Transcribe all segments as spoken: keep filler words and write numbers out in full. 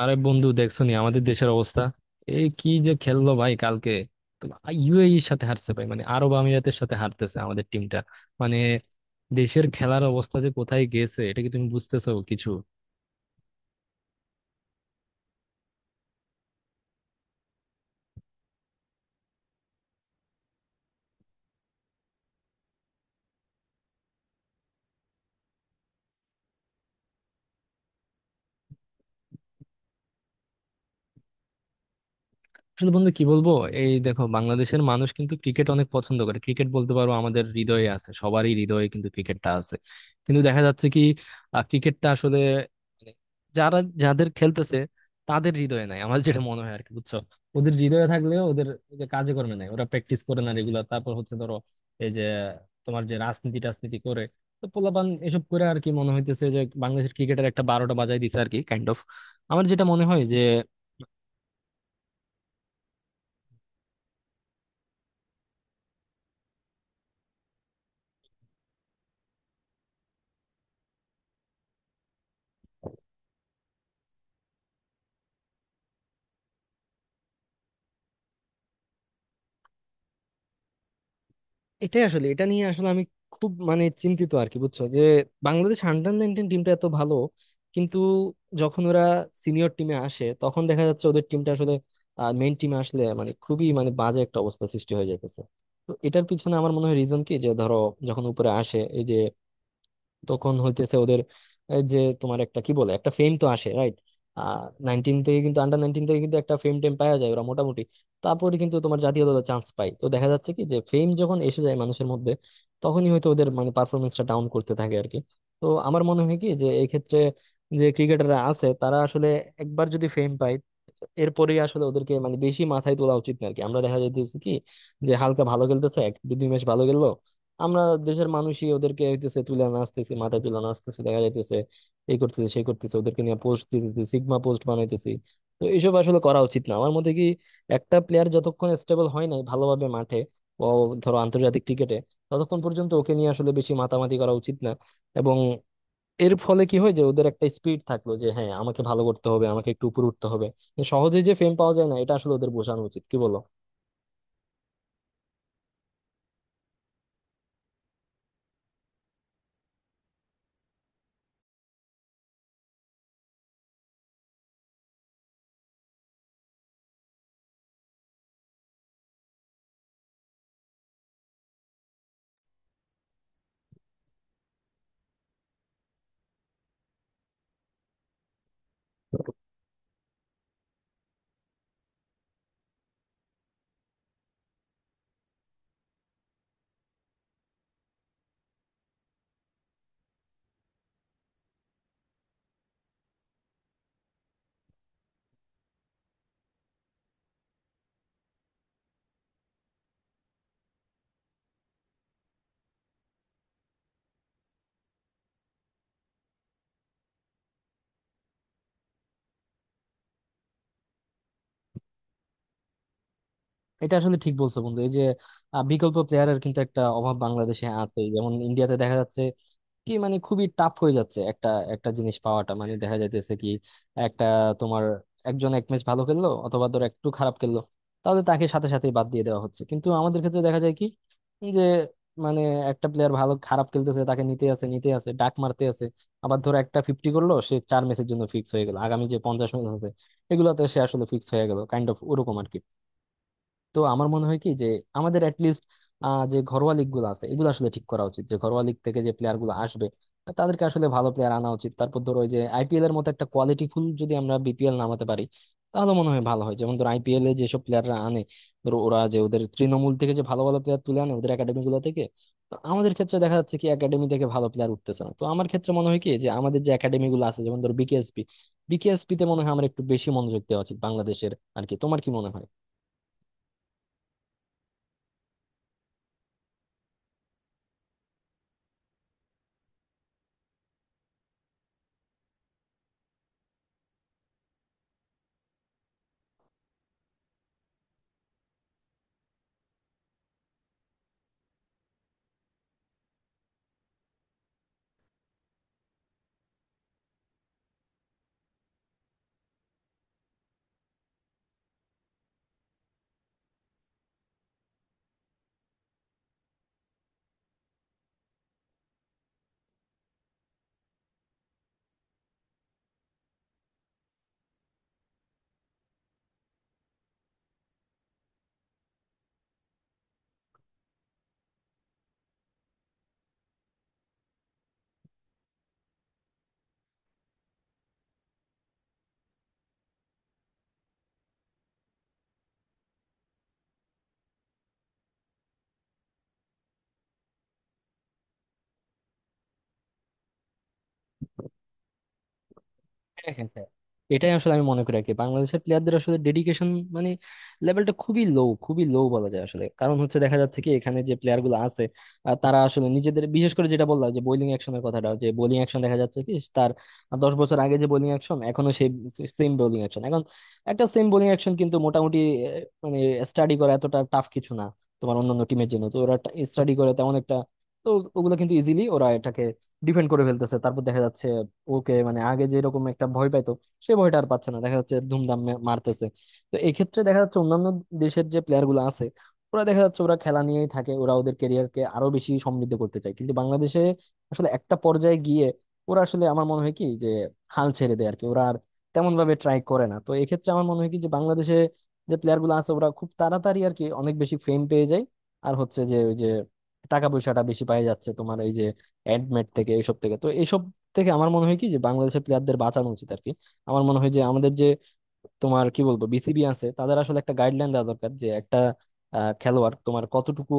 আরে বন্ধু, দেখছো নি আমাদের দেশের অবস্থা? এই কি যে খেললো ভাই কালকে! ইউএই এর সাথে হারছে ভাই, মানে আরব আমিরাতের সাথে হারতেছে আমাদের টিমটা। মানে দেশের খেলার অবস্থা যে কোথায় গেছে এটা কি তুমি বুঝতেছো কিছু? আসলে বন্ধু কি বলবো। এই দেখো, বাংলাদেশের মানুষ কিন্তু ক্রিকেট অনেক পছন্দ করে, ক্রিকেট বলতে পারো আমাদের হৃদয়ে আছে, সবারই হৃদয়ে কিন্তু ক্রিকেটটা আছে। কিন্তু দেখা যাচ্ছে কি, আহ, ক্রিকেটটা আসলে মানে যারা যাদের খেলতেছে তাদের হৃদয়ে নাই, আমার যেটা মনে হয় আর কি, বুঝছো। ওদের হৃদয়ে থাকলেও ওদের ওই যে কাজে কর্মে নাই, ওরা প্র্যাকটিস করে না রেগুলার। তারপর হচ্ছে ধরো, এই যে তোমার যে রাজনীতি টাজনীতি করে, তো পোলাপান এসব করে আর কি, মনে হইতেছে যে বাংলাদেশের ক্রিকেটের একটা বারোটা বাজায় দিছে আর কি, কাইন্ড অফ। আমার যেটা মনে হয় যে, এটাই আসলে, এটা নিয়ে আসলে আমি খুব মানে চিন্তিত আর কি, বুঝছো, যে বাংলাদেশ আন্ডার নাইনটিন টিমটা এত ভালো, কিন্তু যখন ওরা সিনিয়র টিমে আসে তখন দেখা যাচ্ছে ওদের টিমটা আসলে, মেইন টিমে আসলে মানে খুবই মানে বাজে একটা অবস্থা সৃষ্টি হয়ে যাইতেছে। তো এটার পিছনে আমার মনে হয় রিজন কি যে, ধরো যখন উপরে আসে এই যে, তখন হইতেছে ওদের এই যে তোমার একটা কি বলে একটা ফেম তো আসে, রাইট। আহ নাইনটিন থেকে কিন্তু, আন্ডার নাইনটিন থেকে কিন্তু একটা ফেম টেম পাওয়া যায়, ওরা মোটামুটি তারপরে কিন্তু তোমার জাতীয় দলে চান্স পায়। তো দেখা যাচ্ছে কি, যে ফেম যখন এসে যায় মানুষের মধ্যে, তখনই হয়তো ওদের মানে পারফরমেন্সটা ডাউন করতে থাকে আর কি। তো আমার মনে হয় কি যে, এই ক্ষেত্রে যে ক্রিকেটাররা আছে তারা আসলে একবার যদি ফেম পায়, এরপরে আসলে ওদেরকে মানে বেশি মাথায় তোলা উচিত না আর কি। আমরা দেখা যাইতেছে কি, যে হালকা ভালো খেলতেছে এক দুই দুই ম্যাচ ভালো খেললো, আমরা দেশের মানুষই ওদেরকে হইতেছে তুলে নাচতেছি, মাথায় তুলে নাচতেছি, দেখা যাইতেছে এই করতেছে সেই করতেছে, ওদেরকে নিয়ে পোস্ট দিতেছি, সিগমা পোস্ট বানাইতেছি। তো এইসব আসলে করা উচিত না। আমার মতে কি, একটা প্লেয়ার যতক্ষণ স্টেবল হয় নাই ভালোভাবে মাঠে, ও, ধরো আন্তর্জাতিক ক্রিকেটে, ততক্ষণ পর্যন্ত ওকে নিয়ে আসলে বেশি মাতামাতি করা উচিত না। এবং এর ফলে কি হয় যে ওদের একটা স্পিড থাকলো যে হ্যাঁ আমাকে ভালো করতে হবে, আমাকে একটু উপরে উঠতে হবে, যে সহজে যে ফেম পাওয়া যায় না এটা আসলে ওদের বোঝানো উচিত, কি বলো? এটা আসলে ঠিক বলছো বন্ধু। এই যে আহ, বিকল্প প্লেয়ারের কিন্তু একটা অভাব বাংলাদেশে আছে, যেমন ইন্ডিয়াতে দেখা যাচ্ছে কি মানে খুবই টাফ হয়ে যাচ্ছে একটা একটা জিনিস পাওয়াটা, মানে দেখা যাইতেছে কি, একটা, তোমার একজন এক ম্যাচ ভালো খেললো অথবা ধর একটু খারাপ খেললো তাহলে তাকে সাথে সাথে বাদ দিয়ে দেওয়া হচ্ছে, কিন্তু আমাদের ক্ষেত্রে দেখা যায় কি, যে মানে একটা প্লেয়ার ভালো খারাপ খেলতেছে তাকে নিতে আছে নিতে আছে ডাক মারতে আছে। আবার ধর একটা ফিফটি করলো সে চার ম্যাচের জন্য ফিক্স হয়ে গেল, আগামী যে পঞ্চাশ ম্যাচ আছে এগুলোতে সে আসলে ফিক্স হয়ে গেল কাইন্ড অফ ওরকম আর কি। তো আমার মনে হয় কি যে, আমাদের অ্যাটলিস্ট যে ঘরোয়া লিগ গুলো আছে এগুলো আসলে ঠিক করা উচিত, যে ঘরোয়া লিগ থেকে যে প্লেয়ার গুলো আসবে আহ, তাদেরকে আসলে ভালো প্লেয়ার আনা উচিত। তারপর ধরো ওই যে আইপিএল এর মতো একটা কোয়ালিটি ফুল যদি আমরা বিপিএল নামাতে পারি তাহলে মনে হয় ভালো হয়। যেমন ধরো আইপিএল এ যেসব প্লেয়াররা আনে, ধরো ওরা যে ওদের তৃণমূল থেকে যে ভালো ভালো প্লেয়ার তুলে আনে ওদের একাডেমি গুলো থেকে। তো আমাদের ক্ষেত্রে দেখা যাচ্ছে কি একাডেমি থেকে ভালো প্লেয়ার উঠতেছে না। তো আমার ক্ষেত্রে মনে হয় কি যে আমাদের যে একাডেমি গুলো আছে যেমন ধরো বিকেএসপি, বিকেএসপি তে মনে হয় আমার একটু বেশি মনোযোগ দেওয়া উচিত বাংলাদেশের আর কি। তোমার কি মনে হয়? হ্যাঁ হ্যাঁ হ্যাঁ, এটাই আসলে আমি মনে করি আর কি। বাংলাদেশের প্লেয়ারদের আসলে ডেডিকেশন মানে লেভেলটা খুবই লো, খুবই লো বলা যায় আসলে। কারণ হচ্ছে দেখা যাচ্ছে কি, এখানে যে প্লেয়ার গুলো আছে আহ, তারা আসলে নিজেদের, বিশেষ করে যেটা বললাম যে বোলিং অ্যাকশনের কথাটা, যে বোলিং অ্যাকশন দেখা যাচ্ছে কি তার দশ বছর আগে যে বোলিং অ্যাকশন এখনো সেই সেম বোলিং অ্যাকশন, এখন একটা সেম বোলিং অ্যাকশন কিন্তু মোটামুটি আহ, মানে স্টাডি করা এতটা টাফ কিছু না তোমার অন্যান্য টিমের জন্য, তো ওরা স্টাডি করে তেমন একটা। তো ওগুলো কিন্তু ইজিলি ওরা এটাকে ডিফেন্ড করে ফেলতেছে। তারপর দেখা যাচ্ছে ওকে মানে আগে যেরকম একটা ভয় পাইতো সে ভয়টা আর পাচ্ছে না, দেখা যাচ্ছে ধুমধাম মে- মারতেছে। তো এক্ষেত্রে দেখা যাচ্ছে অন্যান্য দেশের যে প্লেয়ার গুলো আছে ওরা দেখা যাচ্ছে ওরা খেলা নিয়েই থাকে, ওরা ওদের ক্যারিয়ারকে আরো বেশি সমৃদ্ধ করতে চায়, কিন্তু বাংলাদেশে আসলে একটা পর্যায়ে গিয়ে ওরা আসলে, আমার মনে হয় কি যে হাল ছেড়ে দেয় আর কি, ওরা আর তেমন ভাবে ট্রাই করে না। তো এক্ষেত্রে আমার মনে হয় কি যে বাংলাদেশে যে প্লেয়ার গুলো আছে ওরা খুব তাড়াতাড়ি আর কি অনেক বেশি ফেম পেয়ে যায়, আর হচ্ছে যে ওই যে টাকা পয়সাটা বেশি পাই যাচ্ছে তোমার, এই যে অ্যাডমেট থেকে এইসব থেকে। তো এইসব দেখে আমার মনে হয় কি যে বাংলাদেশের প্লেয়ারদের বাঁচানো উচিত আর কি। আমার মনে হয় যে আমাদের যে, তোমার কি বলবো বিসিবি আছে তাদের আসলে একটা গাইডলাইন দেওয়া দরকার, যে একটা আহ, খেলোয়াড় তোমার কতটুকু,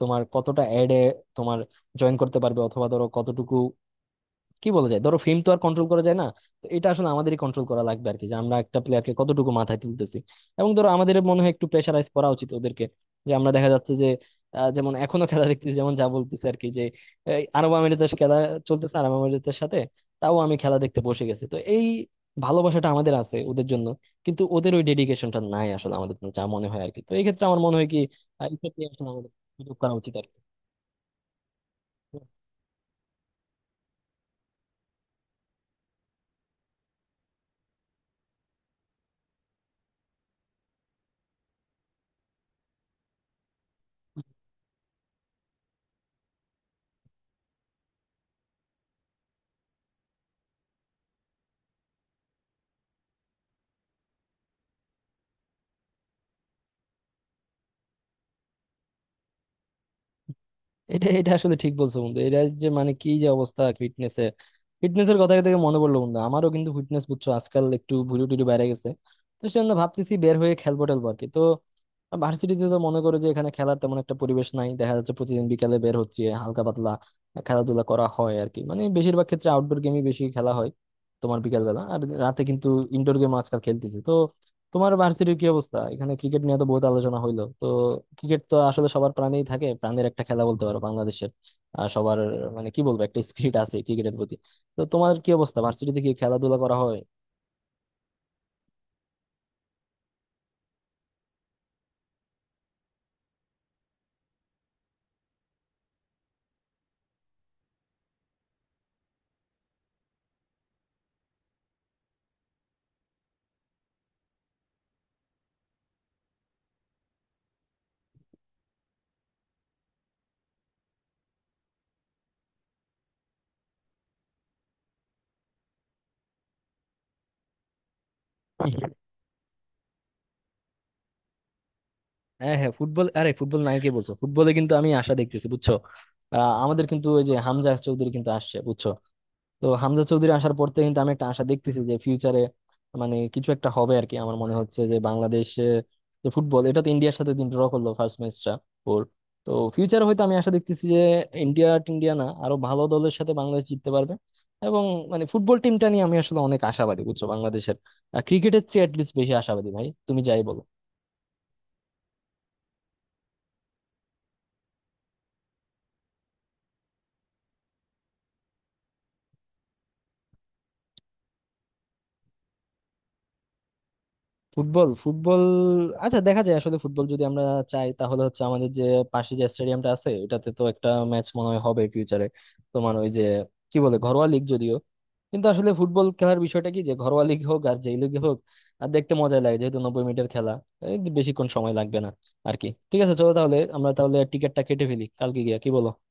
তোমার কতটা অ্যাডে তোমার জয়েন করতে পারবে, অথবা ধরো কতটুকু কি বলা যায়, ধরো ফেম তো আর কন্ট্রোল করা যায় না। তো এটা আসলে আমাদেরই কন্ট্রোল করা লাগবে আর কি, যে আমরা একটা প্লেয়ারকে কতটুকু মাথায় তুলতেছি। এবং ধরো আমাদের মনে হয় একটু প্রেশারাইজ করা উচিত ওদেরকে। যে আমরা দেখা যাচ্ছে যে আহ, যেমন এখনো খেলা দেখতেছি যেমন যা বলতেছে আর কি, যে এই আরব আমিরাতের খেলা চলতেছে, আরব আমিরাতের সাথে, তাও আমি খেলা দেখতে বসে গেছি। তো এই ভালোবাসাটা আমাদের আছে ওদের জন্য, কিন্তু ওদের ওই ডেডিকেশনটা নাই আসলে আমাদের জন্য, যা মনে হয় আর কি। তো এই ক্ষেত্রে আমার মনে হয় কি আহ, এক্ষেত্রে আসলে আমাদের সুযোগ করা উচিত আর কি। এটা এটা আসলে ঠিক বলছো বন্ধু, এটা যে মানে কি যে অবস্থা ফিটনেসে। ফিটনেসের কথা থেকে মনে পড়লো বন্ধু, আমারও কিন্তু ফিটনেস বুঝছো আজকাল একটু ভুরু টুরু বেড়ে গেছে, তো সেজন্য ভাবতেছি বের হয়ে খেলবো টেলবো আর কি। তো ভার্সিটিতে তো মনে করো যে এখানে খেলার তেমন একটা পরিবেশ নাই, দেখা যাচ্ছে প্রতিদিন বিকালে বের হচ্ছে হালকা পাতলা খেলাধুলা করা হয় আর কি, মানে বেশিরভাগ ক্ষেত্রে আউটডোর গেমই বেশি খেলা হয়, তোমার বিকাল বেলা আর রাতে কিন্তু ইনডোর গেম আজকাল খেলতেছি। তো তোমার ভার্সিটির কি অবস্থা? এখানে ক্রিকেট নিয়ে তো বহুত আলোচনা হইলো, তো ক্রিকেট তো আসলে সবার প্রাণেই থাকে, প্রাণের একটা খেলা বলতে পারো বাংলাদেশের, আর সবার মানে কি বলবো একটা স্পিরিট আছে ক্রিকেটের প্রতি। তো তোমার কি অবস্থা ভার্সিটিতে, কি খেলাধুলা করা হয়? হ্যাঁ হ্যাঁ, ফুটবল, আরে ফুটবল নাই কে বলছো, ফুটবলে কিন্তু আমি আশা দেখতেছি বুঝছো। আহ আমাদের কিন্তু ওই যে হামজা চৌধুরী কিন্তু আসছে বুঝছো, তো হামজা চৌধুরী আসার পর থেকে কিন্তু আমি একটা আশা দেখতেছি যে ফিউচারে মানে কিছু একটা হবে আর কি। আমার মনে হচ্ছে যে বাংলাদেশে যে ফুটবল এটা তো ইন্ডিয়ার সাথে দিন ড্র করলো ফার্স্ট ম্যাচটা ওর। তো ফিউচারে হয়তো আমি আশা দেখতেছি যে ইন্ডিয়া টিন্ডিয়া না আরো ভালো দলের সাথে বাংলাদেশ জিততে পারবে। এবং মানে ফুটবল টিমটা নিয়ে আমি আসলে অনেক আশাবাদী বুঝছো, বাংলাদেশের ক্রিকেটের চেয়ে অ্যাটলিস্ট বেশি আশাবাদী ভাই, তুমি যাই বলো। ফুটবল ফুটবল, আচ্ছা দেখা যায় আসলে ফুটবল যদি আমরা চাই তাহলে হচ্ছে আমাদের যে পাশে যে স্টেডিয়ামটা আছে এটাতে তো একটা ম্যাচ মনে হয় হবে ফিউচারে। তোমার ওই যে কি বলে ঘরোয়া লিগ যদিও, কিন্তু আসলে ফুটবল খেলার বিষয়টা কি যে ঘরোয়া লিগ হোক আর যেই লিগ হোক আর দেখতে মজা লাগে যেহেতু নব্বই মিনিটের খেলা, এই বেশিক্ষণ সময় লাগবে না আর কি। ঠিক আছে চলো তাহলে আমরা তাহলে টিকিটটা কেটে ফেলি কালকে গিয়া, কি বলো?